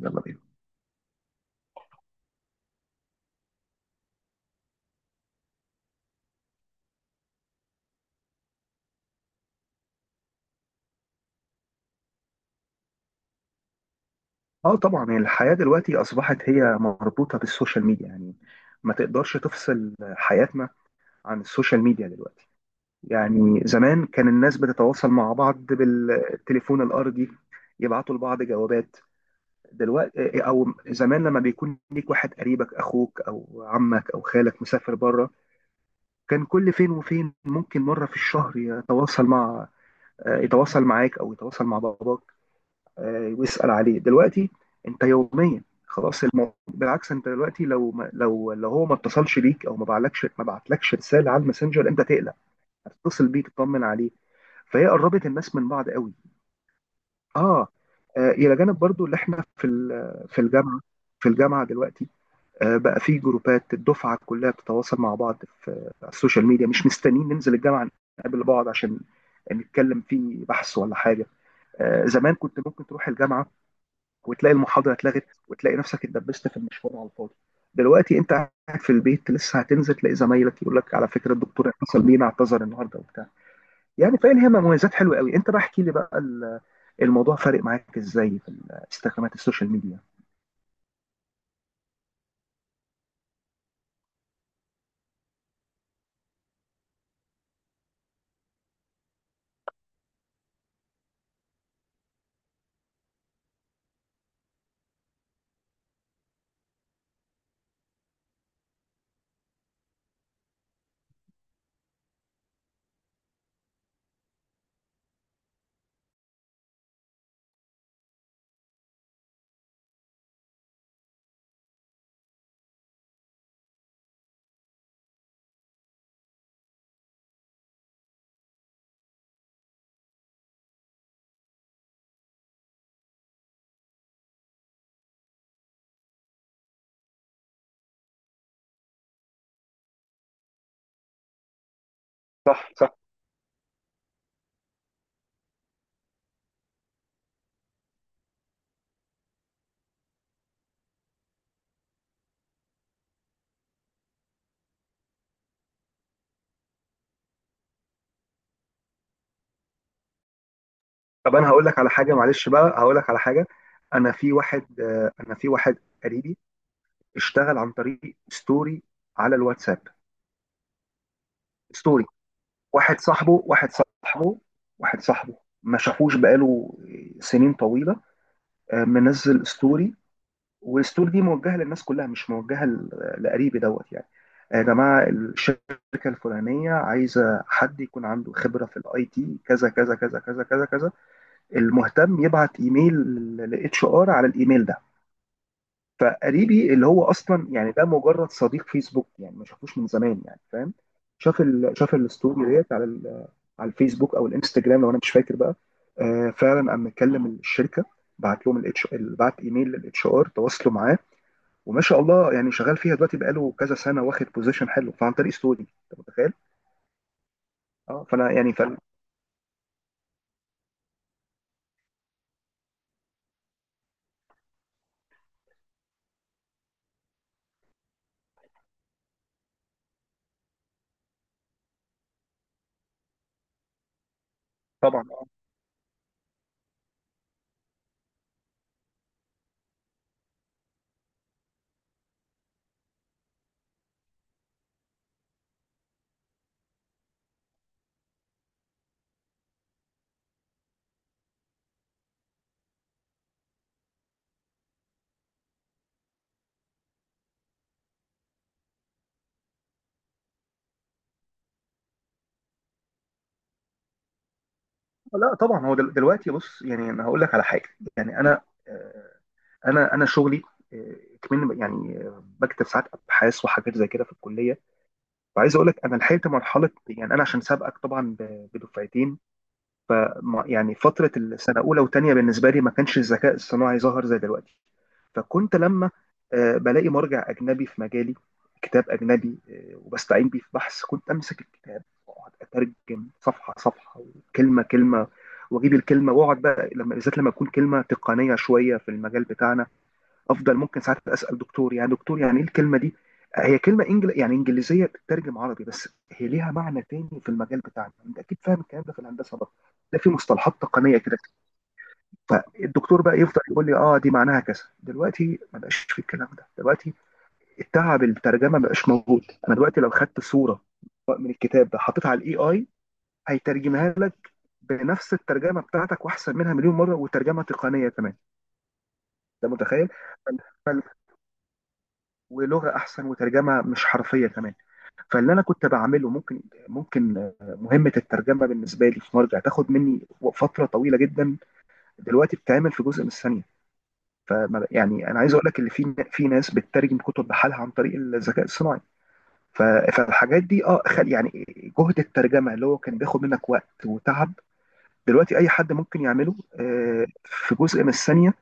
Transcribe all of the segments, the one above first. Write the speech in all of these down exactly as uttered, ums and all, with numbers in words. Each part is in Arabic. يلا بينا. اه طبعا، يعني الحياة دلوقتي أصبحت هي مربوطة بالسوشيال ميديا، يعني ما تقدرش تفصل حياتنا عن السوشيال ميديا دلوقتي. يعني زمان كان الناس بتتواصل مع بعض بالتليفون الأرضي، يبعتوا لبعض جوابات. دلوقتي أو زمان لما بيكون ليك واحد قريبك، أخوك أو عمك أو خالك مسافر بره، كان كل فين وفين ممكن مرة في الشهر يتواصل مع يتواصل معاك أو يتواصل مع باباك. آه، ويسأل عليه دلوقتي. انت يوميا خلاص، الموضوع بالعكس، انت دلوقتي لو ما لو لو هو ما اتصلش بيك او ما بعتلكش ما بعتلكش رساله على الماسنجر، انت تقلق. هتتصل بيه تطمن عليه، فهي قربت الناس من بعض قوي. اه، آه الى جانب برضو اللي احنا في ال- في الجامعه في الجامعه دلوقتي. آه بقى في جروبات الدفعه كلها بتتواصل مع بعض في على السوشيال ميديا، مش مستنيين ننزل الجامعه نقابل بعض عشان نتكلم في بحث ولا حاجه. آه زمان كنت ممكن تروح الجامعه وتلاقي المحاضره اتلغت، وتلاقي نفسك اتدبست في المشوار على الفاضي. دلوقتي انت قاعد في البيت لسه هتنزل، تلاقي زمايلك يقول لك على فكره الدكتور اتصل بينا اعتذر النهارده وبتاع. يعني فاهم، هي مميزات حلوه قوي. انت بقى احكي لي بقى، ال- الموضوع فارق معاك ازاي في ال- استخدامات السوشيال ميديا؟ صح. طب انا هقول لك على حاجه، معلش بقى هقول لك على حاجه، انا في واحد آه، انا في واحد قريبي اشتغل عن طريق ستوري على الواتساب. ستوري. واحد صاحبه واحد صاحبه واحد صاحبه ما شافوش بقاله سنين طويله. آه، منزل ستوري، والستوري دي موجهه للناس كلها، مش موجهه ل- لقريبي دوت يعني. آه، يا جماعه، الشركه الفلانيه عايزه حد يكون عنده خبره في الاي تي، كذا كذا كذا كذا كذا كذا. المهتم يبعت ايميل لاتش ار على الايميل ده. فقريبي اللي هو اصلا يعني ده مجرد صديق فيسبوك، يعني ما شافوش من زمان، يعني فاهم؟ شاف ال... شاف الستوري ديت على ال... على الفيسبوك او الانستجرام، لو انا مش فاكر بقى. آه فعلا قام مكلم الشركه، بعت لهم الاتش بعت ايميل للاتش ار، تواصلوا معاه. وما شاء الله، يعني شغال فيها دلوقتي بقاله كذا سنه، واخد بوزيشن حلو، فعن طريق ستوري، انت متخيل؟ اه، فانا يعني فال... طبعا آه. لا طبعا، هو دل... دلوقتي بص، يعني انا هقول لك على حاجه يعني انا آه، انا انا شغلي، آه، كمان يعني آه، بكتب ساعات ابحاث وحاجات زي كده في الكليه. وعايز اقول لك انا لحقت مرحله، يعني انا عشان سابقك طبعا ب- بدفعتين. ما- يعني فتره السنه اولى وثانيه بالنسبه لي ما كانش الذكاء الصناعي ظهر زي دلوقتي. فكنت لما آه، بلاقي مرجع اجنبي في مجالي، كتاب اجنبي، آه، وبستعين بيه في بحث، كنت امسك الكتاب واقعد اترجم صفحه صفحه وكلمه كلمه. واجيب الكلمه واقعد بقى لما بالذات لما تكون كلمه تقنيه شويه في المجال بتاعنا، افضل ممكن ساعات اسال دكتور، يعني دكتور يعني ايه الكلمه دي. هي كلمه انجل يعني انجليزيه بتترجم عربي، بس هي ليها معنى تاني في المجال بتاعنا، انت اكيد فاهم الكلام ده في الهندسه برضه. ده في مصطلحات تقنيه كده. فالدكتور بقى يفضل يقول لي اه دي معناها كذا. دلوقتي ما بقاش في الكلام ده، دلوقتي التعب الترجمه ما بقاش موجود. انا دلوقتي لو خدت صوره من الكتاب ده حطيتها على الاي اي، هيترجمها لك بنفس الترجمه بتاعتك واحسن منها مليون مره، وترجمه تقنيه كمان. ده متخيل؟ ولغه احسن، وترجمه مش حرفيه كمان. فاللي انا كنت بعمله، ممكن ممكن آه، مهمه الترجمه بالنسبه لي في مرجع تاخد مني فتره طويله جدا، دلوقتي بتتعمل في جزء من الثانيه. فما يعني انا عايز اقول لك ان في في ناس بتترجم كتب بحالها عن طريق الذكاء الصناعي. ف- فالحاجات دي اه خل يعني جهد الترجمه اللي هو كان بياخد منك وقت وتعب، دلوقتي اي حد ممكن يعمله آه، في جزء من الثانيه.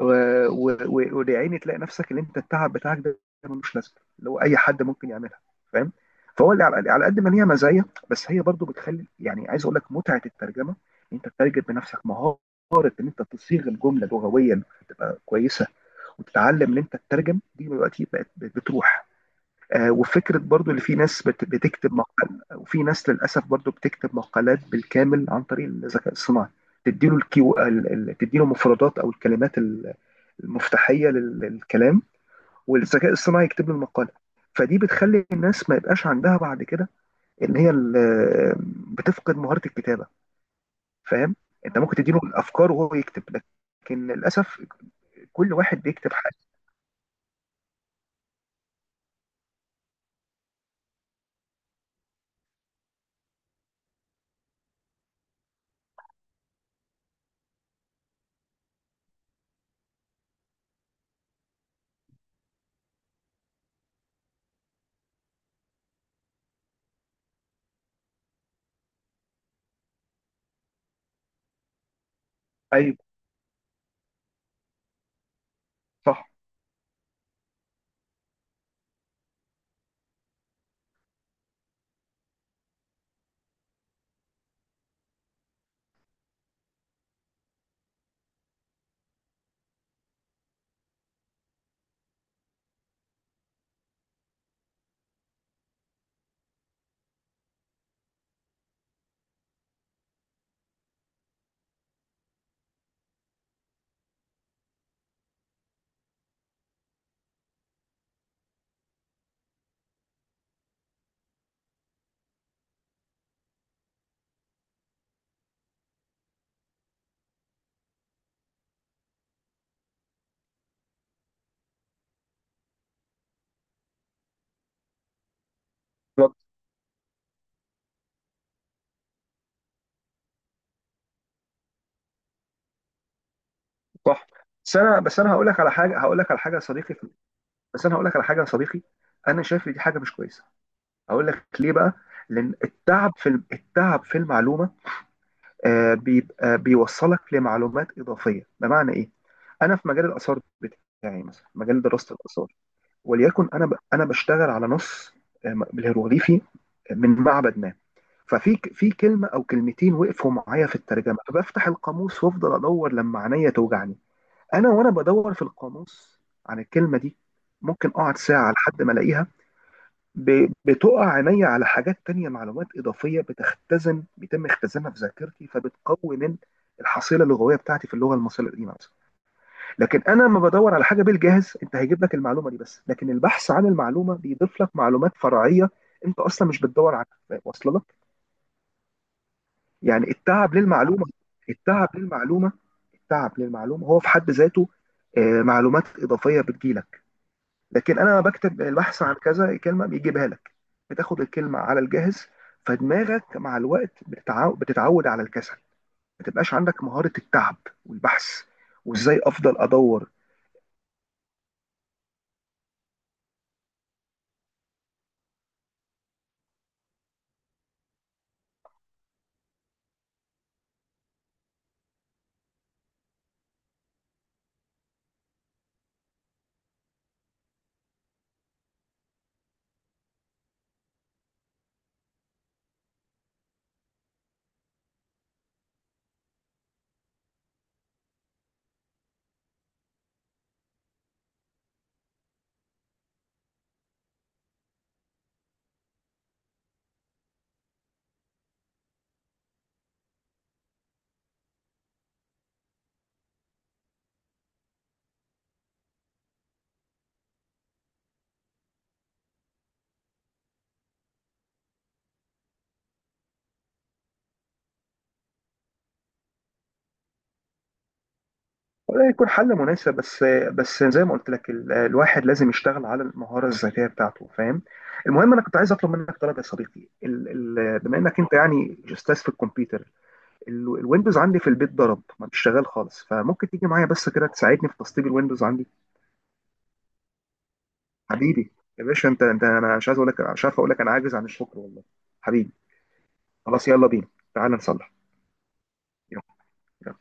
و- و- و- ولعيني تلاقي نفسك ان انت التعب بتاعك ده ملوش لازمه، اللي هو اي حد ممكن يعملها، فاهم؟ فهو اللي على على قد ما هي مزايا، بس هي برضو بتخلي، يعني عايز اقول لك متعه الترجمه، ان انت تترجم بنفسك مهاره، ان انت تصيغ الجمله لغويا تبقى كويسه، وتتعلم ان انت تترجم، دي دلوقتي بقت بتروح. آه، وفكرة برضو اللي في ناس بت- بتكتب مقال، وفي ناس للأسف برضو بتكتب مقالات بالكامل عن طريق الذكاء الصناعي. تديله الكيو ال- ال- تديله مفردات أو الكلمات ال- المفتاحية لل- للكلام، والذكاء الصناعي يكتب له المقالة. فدي بتخلي الناس ما يبقاش عندها بعد كده، إن هي ال- بتفقد مهارة الكتابة، فاهم؟ أنت ممكن تديله الأفكار وهو يكتب، لكن للأسف كل واحد بيكتب حاجة. أيوه. صح. بالظبط، صح. بس أنا بس أنا هقول لك على حاجة هقول لك على حاجة يا صديقي، بس انا هقول لك على حاجه يا صديقي، انا شايف دي حاجه مش كويسه. هقول لك ليه بقى؟ لان التعب في الم- التعب في المعلومه آه، بيبقى بيوصلك لمعلومات اضافيه. بمعنى ايه؟ انا في مجال الاثار بتاعي مثلا، مجال دراسه الاثار، وليكن انا ب- انا بشتغل على نص آه، م- بالهيروغليفي من معبد ما. ففي ك- في كلمه او كلمتين وقفوا معايا في الترجمه، فبفتح القاموس وافضل ادور لما عينيا توجعني. انا وانا بدور في القاموس عن الكلمه دي، ممكن اقعد ساعه لحد ما الاقيها، ب- بتقع عينيا على حاجات تانية، معلومات إضافية بتختزن بيتم اختزانها في ذاكرتي، فبتقوي من الحصيلة اللغوية بتاعتي في اللغة المصرية القديمة مثلا. لكن أنا لما بدور على حاجة بالجاهز، أنت هيجيب لك المعلومة دي بس، لكن البحث عن المعلومة بيضيف لك معلومات فرعية أنت أصلا مش بتدور عليها، واصلة لك. يعني التعب للمعلومة التعب للمعلومة التعب للمعلومة هو في حد ذاته آه، معلومات إضافية بتجيلك. لكن انا لما بكتب البحث عن كذا كلمه بيجيبها لك، بتاخد الكلمه على الجاهز، فدماغك مع الوقت بتتعو- بتتعود على الكسل، ما تبقاش عندك مهاره التعب والبحث وازاي افضل ادور. وده يكون حل مناسب، بس بس زي ما قلت لك ال- الواحد لازم يشتغل على المهاره الذاتيه بتاعته، فاهم؟ المهم، انا كنت عايز اطلب منك طلب يا صديقي، ال ال بما انك انت يعني استاذ في الكمبيوتر، ال- الويندوز عندي في البيت ضرب، ما بيشتغل خالص، فممكن تيجي معايا بس كده تساعدني في تسطيب الويندوز عندي. حبيبي يا باشا، انت انت انا مش عايز اقول لك مش عارف اقول لك، انا عاجز عن الشكر والله. حبيبي، خلاص يلا بينا، تعال نصلح. يلا.